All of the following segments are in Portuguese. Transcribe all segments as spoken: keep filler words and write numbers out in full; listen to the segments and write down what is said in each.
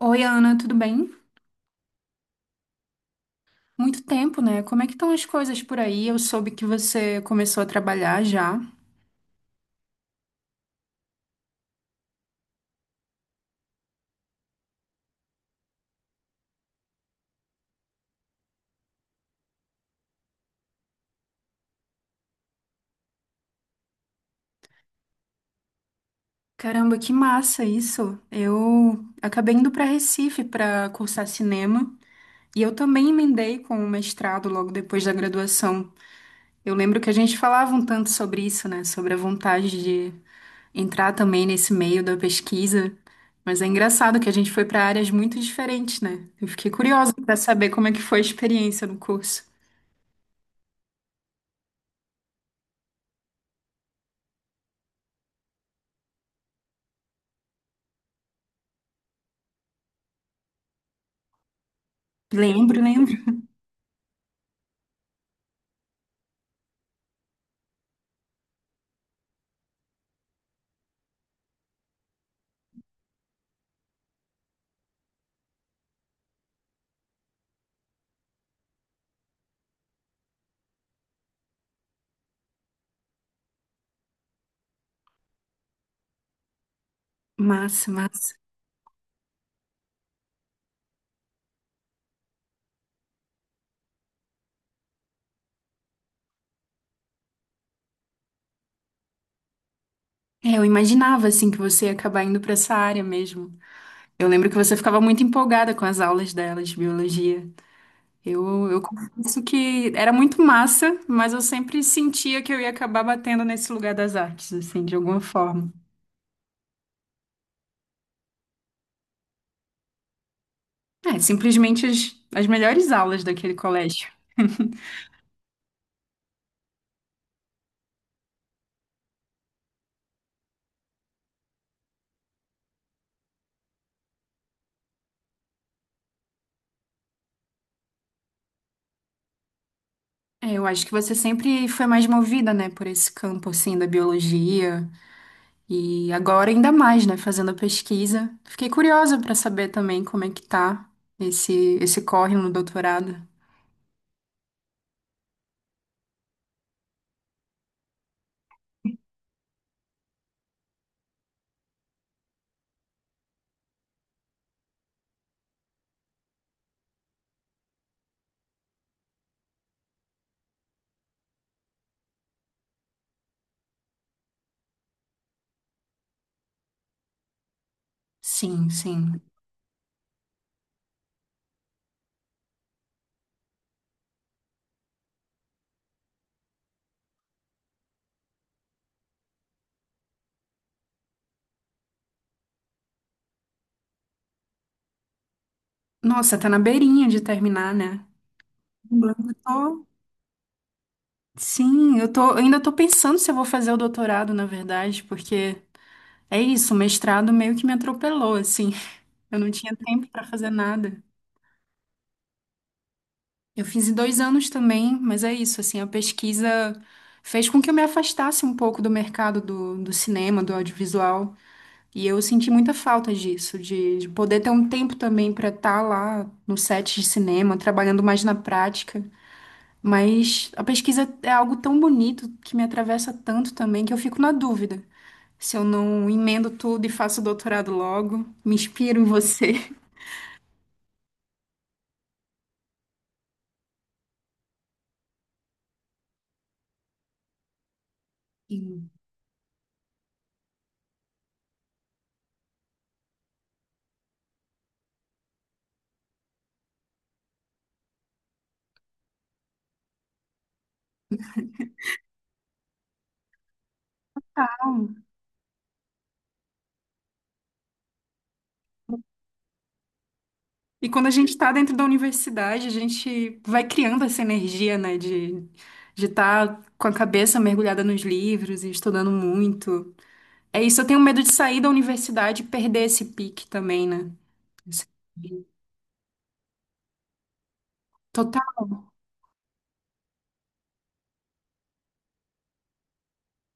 Oi, Ana, tudo bem? Muito tempo, né? Como é que estão as coisas por aí? Eu soube que você começou a trabalhar já. Caramba, que massa isso! Eu acabei indo para Recife para cursar cinema e eu também emendei com o mestrado logo depois da graduação. Eu lembro que a gente falava um tanto sobre isso, né? Sobre a vontade de entrar também nesse meio da pesquisa. Mas é engraçado que a gente foi para áreas muito diferentes, né? Eu fiquei curiosa para saber como é que foi a experiência no curso. Lembro, lembro. Massa, massa. É, eu imaginava assim que você ia acabar indo para essa área mesmo. Eu lembro que você ficava muito empolgada com as aulas dela de biologia. Eu, eu confesso que era muito massa, mas eu sempre sentia que eu ia acabar batendo nesse lugar das artes, assim, de alguma forma. É, simplesmente as, as melhores aulas daquele colégio. É, eu acho que você sempre foi mais movida, né, por esse campo, assim, da biologia. E agora ainda mais, né, fazendo a pesquisa. Fiquei curiosa para saber também como é que tá esse esse corre no doutorado. Sim, sim. Nossa, tá na beirinha de terminar, né? Eu tô- Sim, eu tô, eu ainda tô pensando se eu vou fazer o doutorado, na verdade, porque é isso, o mestrado meio que me atropelou, assim. Eu não tinha tempo para fazer nada. Eu fiz em dois anos também, mas é isso, assim, a pesquisa fez com que eu me afastasse um pouco do mercado do, do cinema, do audiovisual. E eu senti muita falta disso, de, de poder ter um tempo também para estar lá no set de cinema, trabalhando mais na prática. Mas a pesquisa é algo tão bonito que me atravessa tanto também que eu fico na dúvida se eu não emendo tudo e faço doutorado logo, me inspiro em você. Sim. Então, E quando a gente está dentro da universidade, a gente vai criando essa energia, né, de de estar com a cabeça mergulhada nos livros e estudando muito. É isso, eu tenho medo de sair da universidade e perder esse pique também, né? Esse- Total.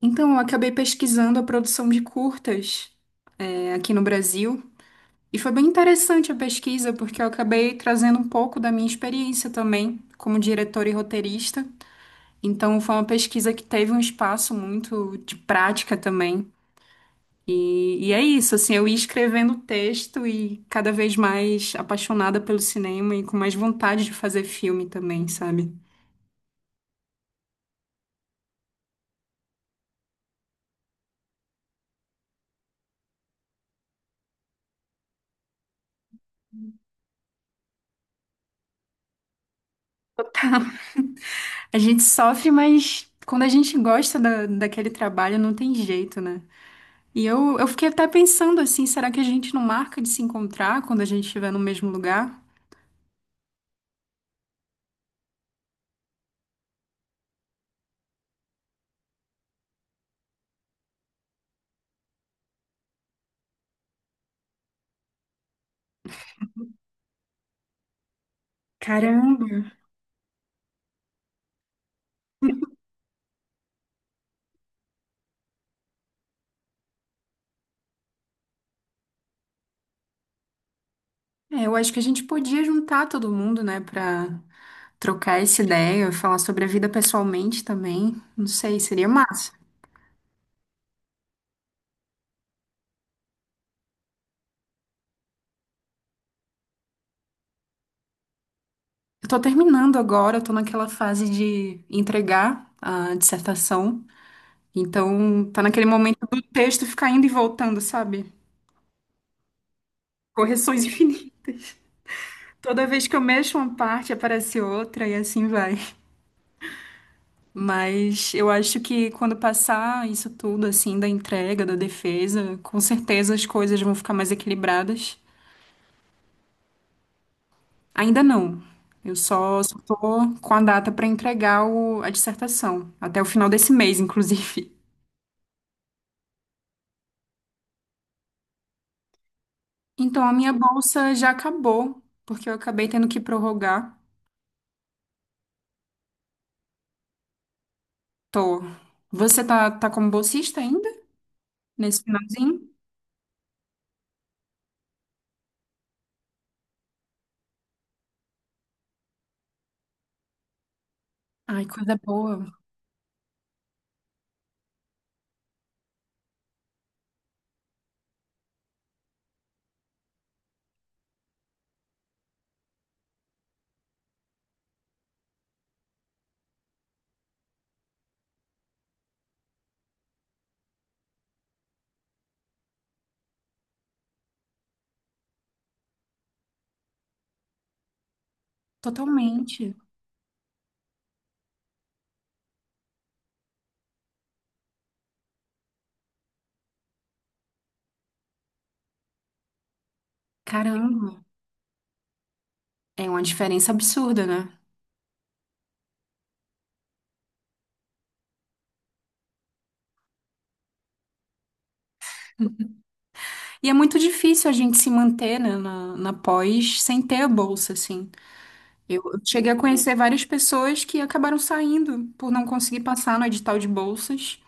Então, eu acabei pesquisando a produção de curtas, é, aqui no Brasil. E foi bem interessante a pesquisa, porque eu acabei trazendo um pouco da minha experiência também, como diretora e roteirista. Então, foi uma pesquisa que teve um espaço muito de prática também. E, e é isso, assim, eu ia escrevendo o texto e cada vez mais apaixonada pelo cinema e com mais vontade de fazer filme também, sabe? A gente sofre, mas quando a gente gosta da, daquele trabalho, não tem jeito, né? E eu, eu fiquei até pensando assim, será que a gente não marca de se encontrar quando a gente estiver no mesmo lugar? Caramba! É, eu acho que a gente podia juntar todo mundo, né, pra trocar essa ideia, falar sobre a vida pessoalmente também. Não sei, seria massa. Eu tô terminando agora, eu tô naquela fase de entregar a dissertação. Então, tá naquele momento do texto ficar indo e voltando, sabe? Correções infinitas. Toda vez que eu mexo uma parte, aparece outra e assim vai. Mas eu acho que quando passar isso tudo, assim, da entrega, da defesa, com certeza as coisas vão ficar mais equilibradas. Ainda não. Eu só só tô com a data para entregar o- a dissertação, até o final desse mês, inclusive. Então, a minha bolsa já acabou, porque eu acabei tendo que prorrogar. Tô. Você tá, tá como bolsista ainda? Nesse finalzinho? Ai, coisa boa. Totalmente. Caramba. É uma diferença absurda, né? E é muito difícil a gente se manter, né, na, na pós sem ter a bolsa, assim. Eu eu cheguei a conhecer várias pessoas que acabaram saindo por não conseguir passar no edital de bolsas.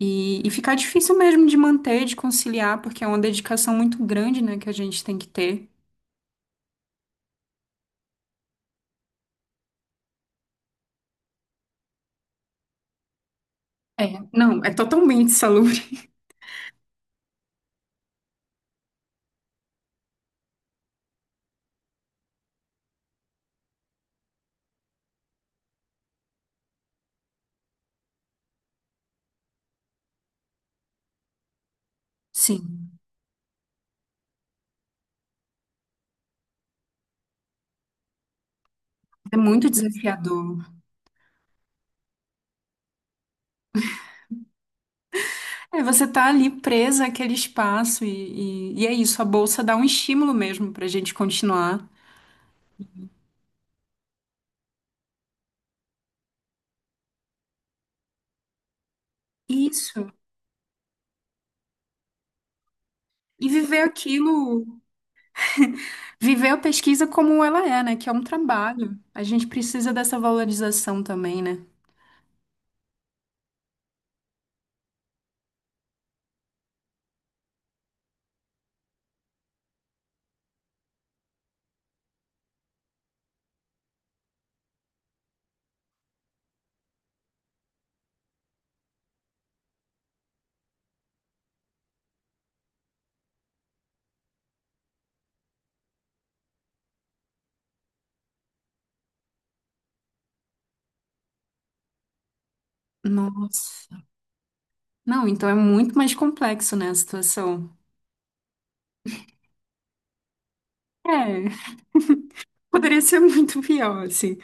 E, e ficar difícil mesmo de manter, de conciliar, porque é uma dedicação muito grande, né, que a gente tem que ter. É, não, é totalmente insalubre. Sim, é muito desafiador. É, você tá ali presa àquele espaço e, e, e é isso, a bolsa dá um estímulo mesmo pra gente continuar. Isso. E viver aquilo, viver a pesquisa como ela é, né? Que é um trabalho. A gente precisa dessa valorização também, né? Nossa. Não, então é muito mais complexo, né, a situação. É, poderia ser muito pior, assim.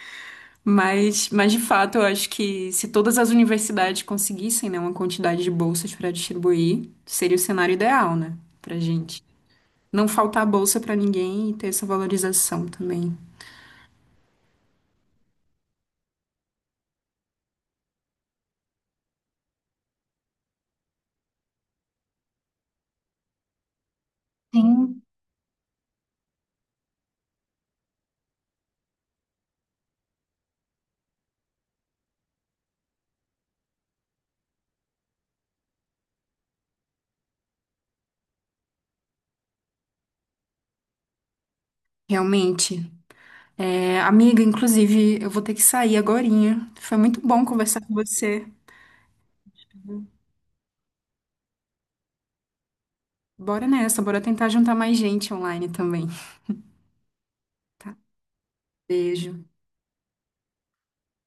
Mas, mas de fato, eu acho que se todas as universidades conseguissem, né, uma quantidade de bolsas para distribuir, seria o cenário ideal, né, pra gente. Não faltar bolsa para ninguém e ter essa valorização também. Sim. Realmente. É, amiga, inclusive, eu vou ter que sair agorinha. Foi muito bom conversar com você. Bora nessa, bora tentar juntar mais gente online também. Beijo.